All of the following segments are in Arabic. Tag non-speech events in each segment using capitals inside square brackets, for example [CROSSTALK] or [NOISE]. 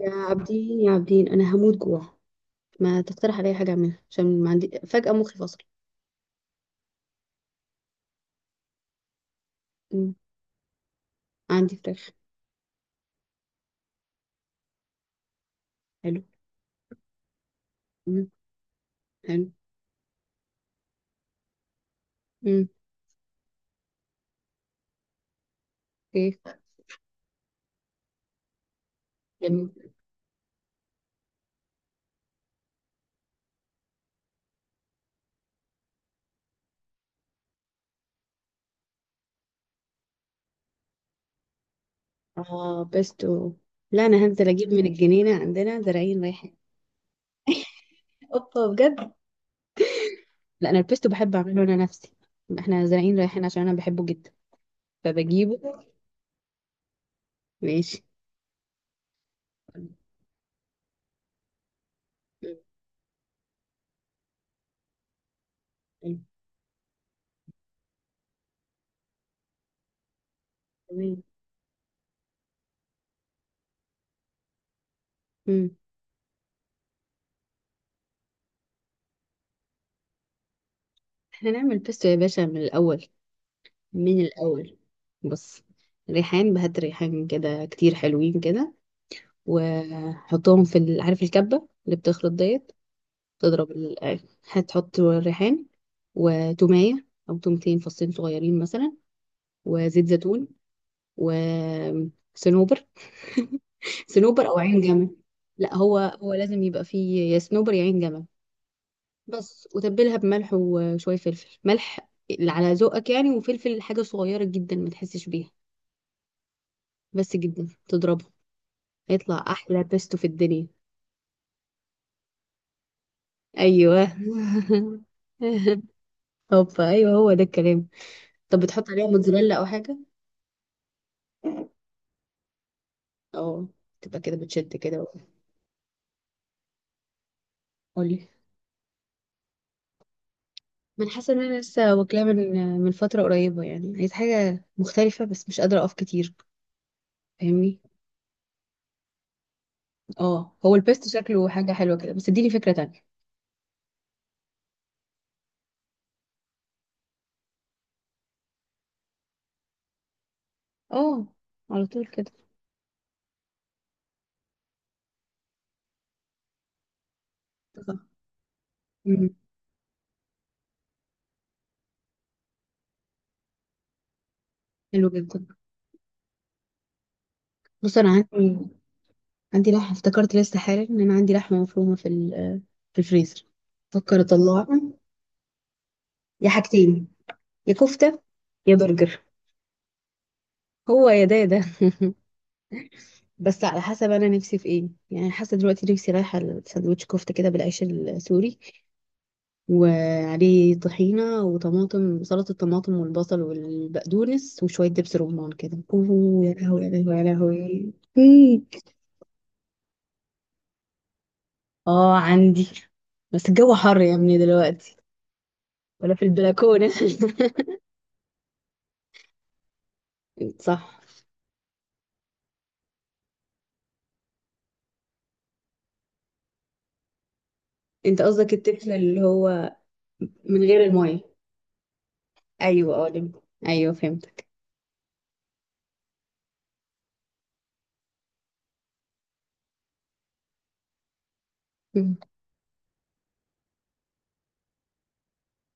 يا عابدين يا عابدين انا هموت جوع. ما تقترح عليا حاجه اعملها عشان ما عندي فجاه مخي فصل. مم. عندي فراخ. حلو. مم. حلو. مم. اوكي. جميل. اه بيستو. لا، انا هنزل اجيب من الجنينه، عندنا زراعين رايحين. اوبا بجد. لا، انا البيستو بحب اعمله انا نفسي. احنا زراعين رايحين عشان انا بحبه جدا، فبجيبه. ماشي. مم. مم. تمام. مم. احنا نعمل بيستو يا باشا من الاول. من الأول. بص. ريحان، بهات ريحان كده كتير حلوين كده. وحطهم في عارف الكبة اللي بتخلط ديت. تضرب هتحط الريحان. وتومية أو تومتين فصين صغيرين مثلا. وزيت زيتون. وصنوبر. [LAUGHS] صنوبر أو عين جمل. لا هو هو لازم يبقى فيه يا صنوبر يا عين جمل. بس، وتبلها بملح وشوية فلفل، ملح اللي على ذوقك يعني، وفلفل حاجة صغيرة جدا ما تحسش بيها. بس جدا تضربها. يطلع احلى بيستو في الدنيا. ايوه. [LAUGHS] هوبا ايوه هو ده الكلام. طب بتحط عليها موتزاريلا او حاجه؟ اه، تبقى كده بتشد كده. قولي. ما انا حاسه ان انا لسه واكلاه من فتره قريبه، يعني عايز حاجه مختلفه بس مش قادره اقف كتير. فاهمني. اه، هو البيستو شكله حاجه حلوه كده، بس اديني فكره تانية. اه. على طول كده. اتفقنا. مم. حلو جدا. بص انا عندي. عندي لحمه، افتكرت لسه حالا ان انا عندي لحمه مفرومه في في الفريزر. بفكر اطلعها. يا حاجتين. يا كفتة. يا برجر. هو يا ده يا ده. [LAUGHS] بس على حسب انا نفسي في ايه يعني، حاسه دلوقتي نفسي رايحه لساندوتش كفته كده بالعيش السوري. وعليه طحينه وطماطم، سلطه الطماطم والبصل والبقدونس، وشويه دبس رمان كده، اوه يا لهوي يا لهوي يا لهوي. [LAUGHS] مم. اه عندي. بس الجو حر يا ابني دلوقتي. ولا في البلكونه. [LAUGHS] صح. انت قصدك التفل اللي هو. من غير الميه. ايوه، اه ايوه فهمت. مم.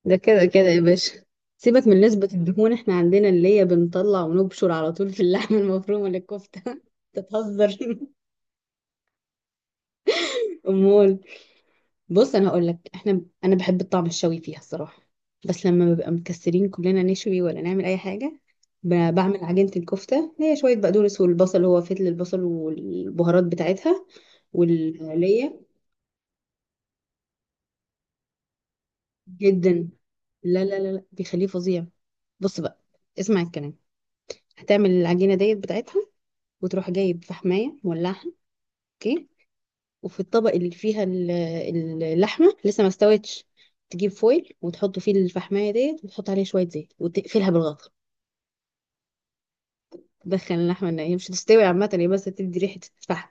ده كده كده يا باشا. سيبك من نسبة الدهون، احنا عندنا اللي هي بنطلع ونبشر على طول في اللحمة المفرومة للكفتة. [LAUGHS] تتهزر. [LAUGHS] امال. بص انا هقول لك انا بحب الطعم الشوي فيها الصراحة. بس لما بنبقى مكسرين كلنا نشوي ولا نعمل اي حاجة. بعمل عجينة الكفتة، هي شوية بقدونس والبصل، هو فتل البصل والبهارات بتاعتها. واللية. جدا. لا لا لا لا، بيخليه فظيع. بص بقى. اسمع الكلام. هتعمل العجينة ديت بتاعتها. وتروح جايب فحماية مولعها. اوكي. وفي الطبق اللي فيها اللحمة لسه ما استوتش. تجيب فويل وتحط فيه الفحماية ديت، وتحط عليها شوية زيت، وتقفلها بالغطا. تدخل اللحمة ان هي مش هتستوي عامة، هي بس تدي ريحة الفحم.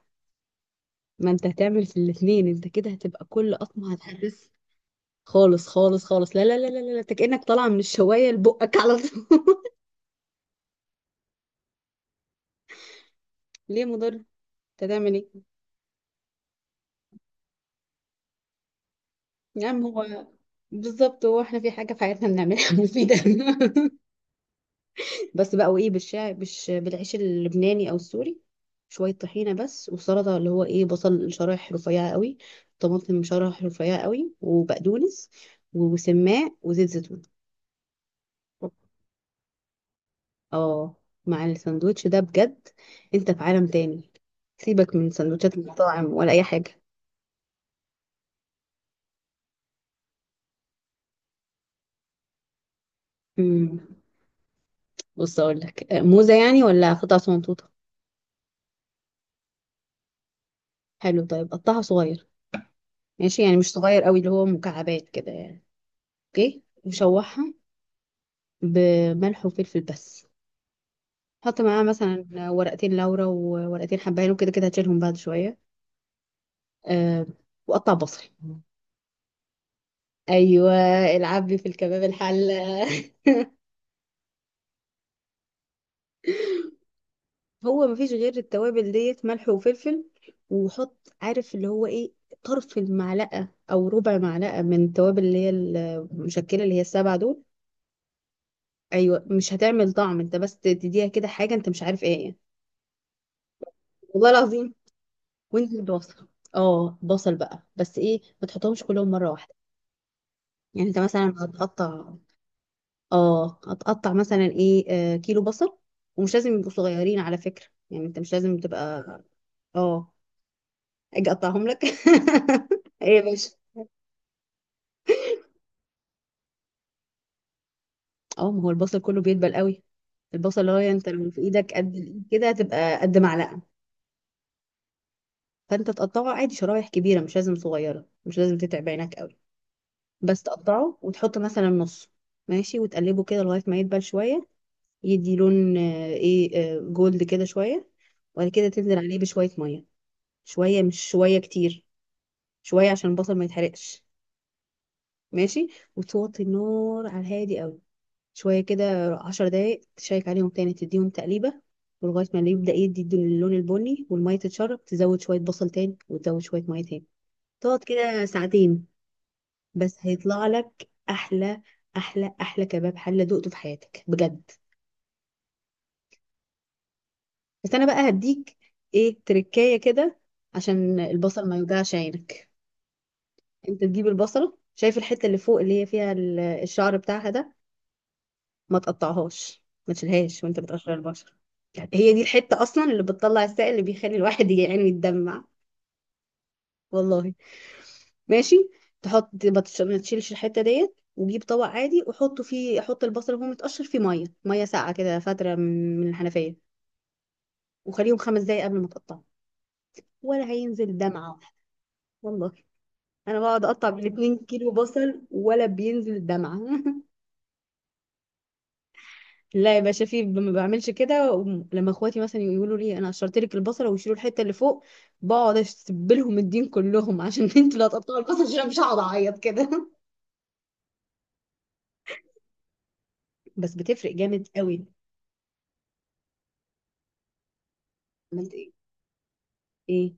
ما انت هتعمل في الاتنين، انت كده هتبقى كل قطمة هتحس. خالص خالص خالص، لا لا لا لا لا لا، انت كأنك طالعة من الشواية لبقك على طول. [LAUGHS] ليه مضر انت؟ هتعمل ايه؟ يا عم هو. بالظبط، هو احنا في حاجة في حياتنا بنعملها مفيدة. [LAUGHS] بس بقى، وايه بالشعر بالعيش اللبناني او السوري. شويه طحينه بس، وسلطه، اللي هو ايه، بصل شرايح رفيعه قوي. طماطم شرايح رفيعه قوي وبقدونس. وسماق وزيت زيتون. اه. مع الساندوتش ده بجد. انت في عالم تاني. سيبك من سندوتشات المطاعم ولا اي حاجه. امم بص اقول لك موزه يعني ولا قطع صغنطوطه. حلو طيب، قطعها صغير. ماشي، يعني مش صغير قوي، اللي هو مكعبات كده يعني. اوكي، وشوحها. بملح وفلفل بس. حط معاه مثلا ورقتين لورا وورقتين حبهان، وكده كده هتشيلهم بعد شوية. أه. وقطع بصل. ايوه. العبي في الكباب الحلة. [LAUGHS] هو مفيش غير التوابل ديت، ملح وفلفل. وحط. عارف اللي هو ايه. طرف المعلقة او ربع معلقة من التوابل، اللي هي المشكلة، اللي هي السبعة دول. ايوه، مش هتعمل طعم، انت بس تديها كده حاجة انت مش عارف ايه. والله العظيم. وانزل ببصل. اه، بصل بقى بس، ايه ما تحطهمش كلهم مرة واحدة. يعني انت مثلا هتقطع. اه، هتقطع مثلا ايه. كيلو بصل. ومش لازم يبقوا صغيرين على فكرة، يعني انت مش لازم تبقى. اه. اجي اقطعهم لك، [LAUGHS] ايه يا باشا. اه، ما هو البصل كله بيدبل قوي. البصل اللي هو، انت لو في ايدك قد الإيد كده، هتبقى قد معلقة. فانت تقطعه عادي شرايح كبيرة، مش لازم صغيرة، مش لازم تتعب عينك قوي. بس تقطعه وتحط مثلا نص. ماشي، وتقلبه كده لغاية ما يدبل شوية. يدي لون ايه. جولد كده شوية. وبعد كده تنزل عليه بشوية مية. شوية مش شوية كتير. شوية عشان البصل ما يتحرقش. ماشي. وتوطي النار على الهادي قوي. شوية كده، 10 دقايق، تشيك عليهم تاني، تديهم تقليبة. ولغاية ما يبدأ يدي اللون البني، والمية تتشرب، تزود شوية بصل تاني، وتزود شوية مية تاني. تقعد كده ساعتين. بس هيطلع لك أحلى. أحلى أحلى كباب حلة دقته في حياتك بجد. بس أنا بقى هديك. إيه تركاية كده. عشان البصل ما يوجعش عينك. انت تجيب البصله، شايف الحته اللي فوق اللي هي فيها الشعر بتاعها ده. ما تقطعهاش، ما تشيلهاش وانت بتقشر البشره. هي دي الحته اصلا اللي بتطلع السائل اللي بيخلي الواحد يعني يتدمع. والله. ماشي. تحط، ما تشيلش الحته ديت، وجيب طبق عادي وحطه فيه، حط البصل وهو متقشر فيه، ميه ميه ساقعه كده فتره، من الحنفيه. وخليهم 5 دقايق قبل ما تقطعه. ولا هينزل دمعه واحده. والله. انا بقعد اقطع بالاتنين كيلو بصل ولا بينزل دمعه. [LAUGHS] لا يا باشا، في ما بعملش كده، لما اخواتي مثلا يقولوا لي انا قشرت لك البصله ويشيلوا الحته اللي فوق. بقعد اشتبلهم الدين كلهم، [LAUGHS] عشان انتوا اللي هتقطعوا البصل، عشان أنا مش هقعد اعيط كده. بس بتفرق جامد قوي. عملت ايه. ايه.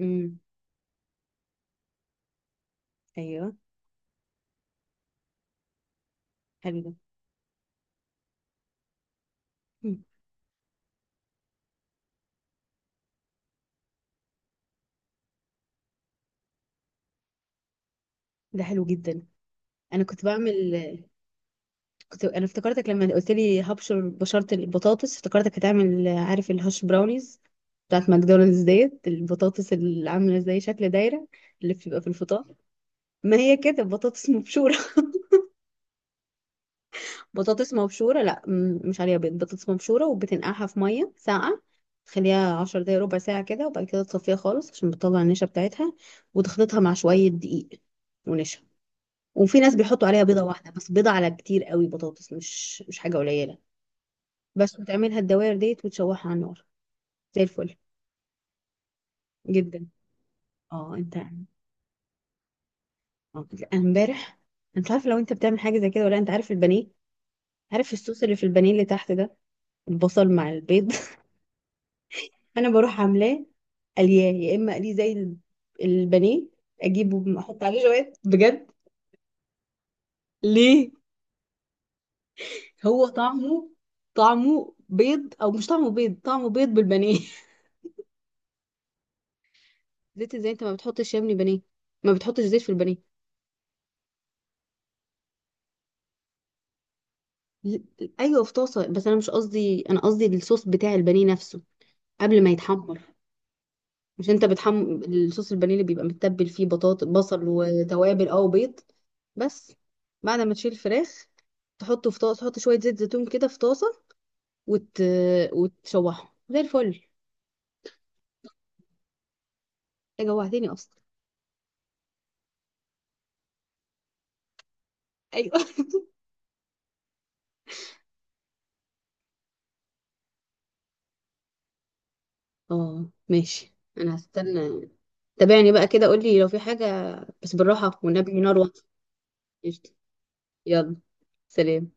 امم ايوه. حلو ده. مم. ده حلو جدا. انا كنت بعمل. كنت انا افتكرتك لما قلت لي هبشر، بشرت البطاطس، افتكرتك هتعمل عارف الهاش براونيز. بتاعت ماكدونالدز ديت، البطاطس اللي عامله زي شكل دايره. اللي بتبقى في الفطار. ما هي كده بطاطس مبشورة. [LAUGHS] بطاطس مبشورة، لا مش عليها بيض، بطاطس مبشورة وبتنقعها في مية ساقعة. تخليها 10 دقايق ربع ساعة كده، وبعد كده تصفيها خالص عشان بتطلع النشا بتاعتها. وتخلطها مع شوية دقيق. ونشا. وفي ناس بيحطوا عليها بيضة واحدة، بس بيضة على كتير قوي بطاطس، مش حاجة قليلة. بس، وتعملها الدوائر ديت، وتشوحها على النار. زي الفل. جدا. اه انت. لأ، أنا امبارح. انا مش عارفة لو انت بتعمل حاجة زي كده ولا لأ، انت عارف البانيه. عارف الصوص اللي في البانيه اللي تحت ده. البصل مع البيض. انا بروح عاملاه. قلياه يا اما قليه زي البانيه. اجيبه احط عليه جوات بجد. ليه. هو طعمه. طعمه بيض او مش طعمه بيض، طعمه بيض بالبانيه. [LAUGHS] زيت ازاي انت ما بتحطش يا ابني بانيه. ما بتحطش زيت في البانيه. ل- ايوه في طاسه، بس انا مش قصدي، انا قصدي الصوص بتاع البانيه نفسه. قبل ما يتحمر. مش انت بتحم الصوص البانيه اللي بيبقى متبل فيه بطاطس بصل وتوابل او بيض. بس. بعد ما تشيل الفراخ. تحطه في طاسه، تحط شويه زيت زيتون كده في طاسه. وت... وتشوحه زي الفل. يا جوعتني اصلا. ايوه. [LAUGHS] اه ماشي، انا هستنى. تابعني بقى كده، قولي لو في حاجه. بس بالراحه والنبي، نار واطيه. قشطة. يلا. سلام.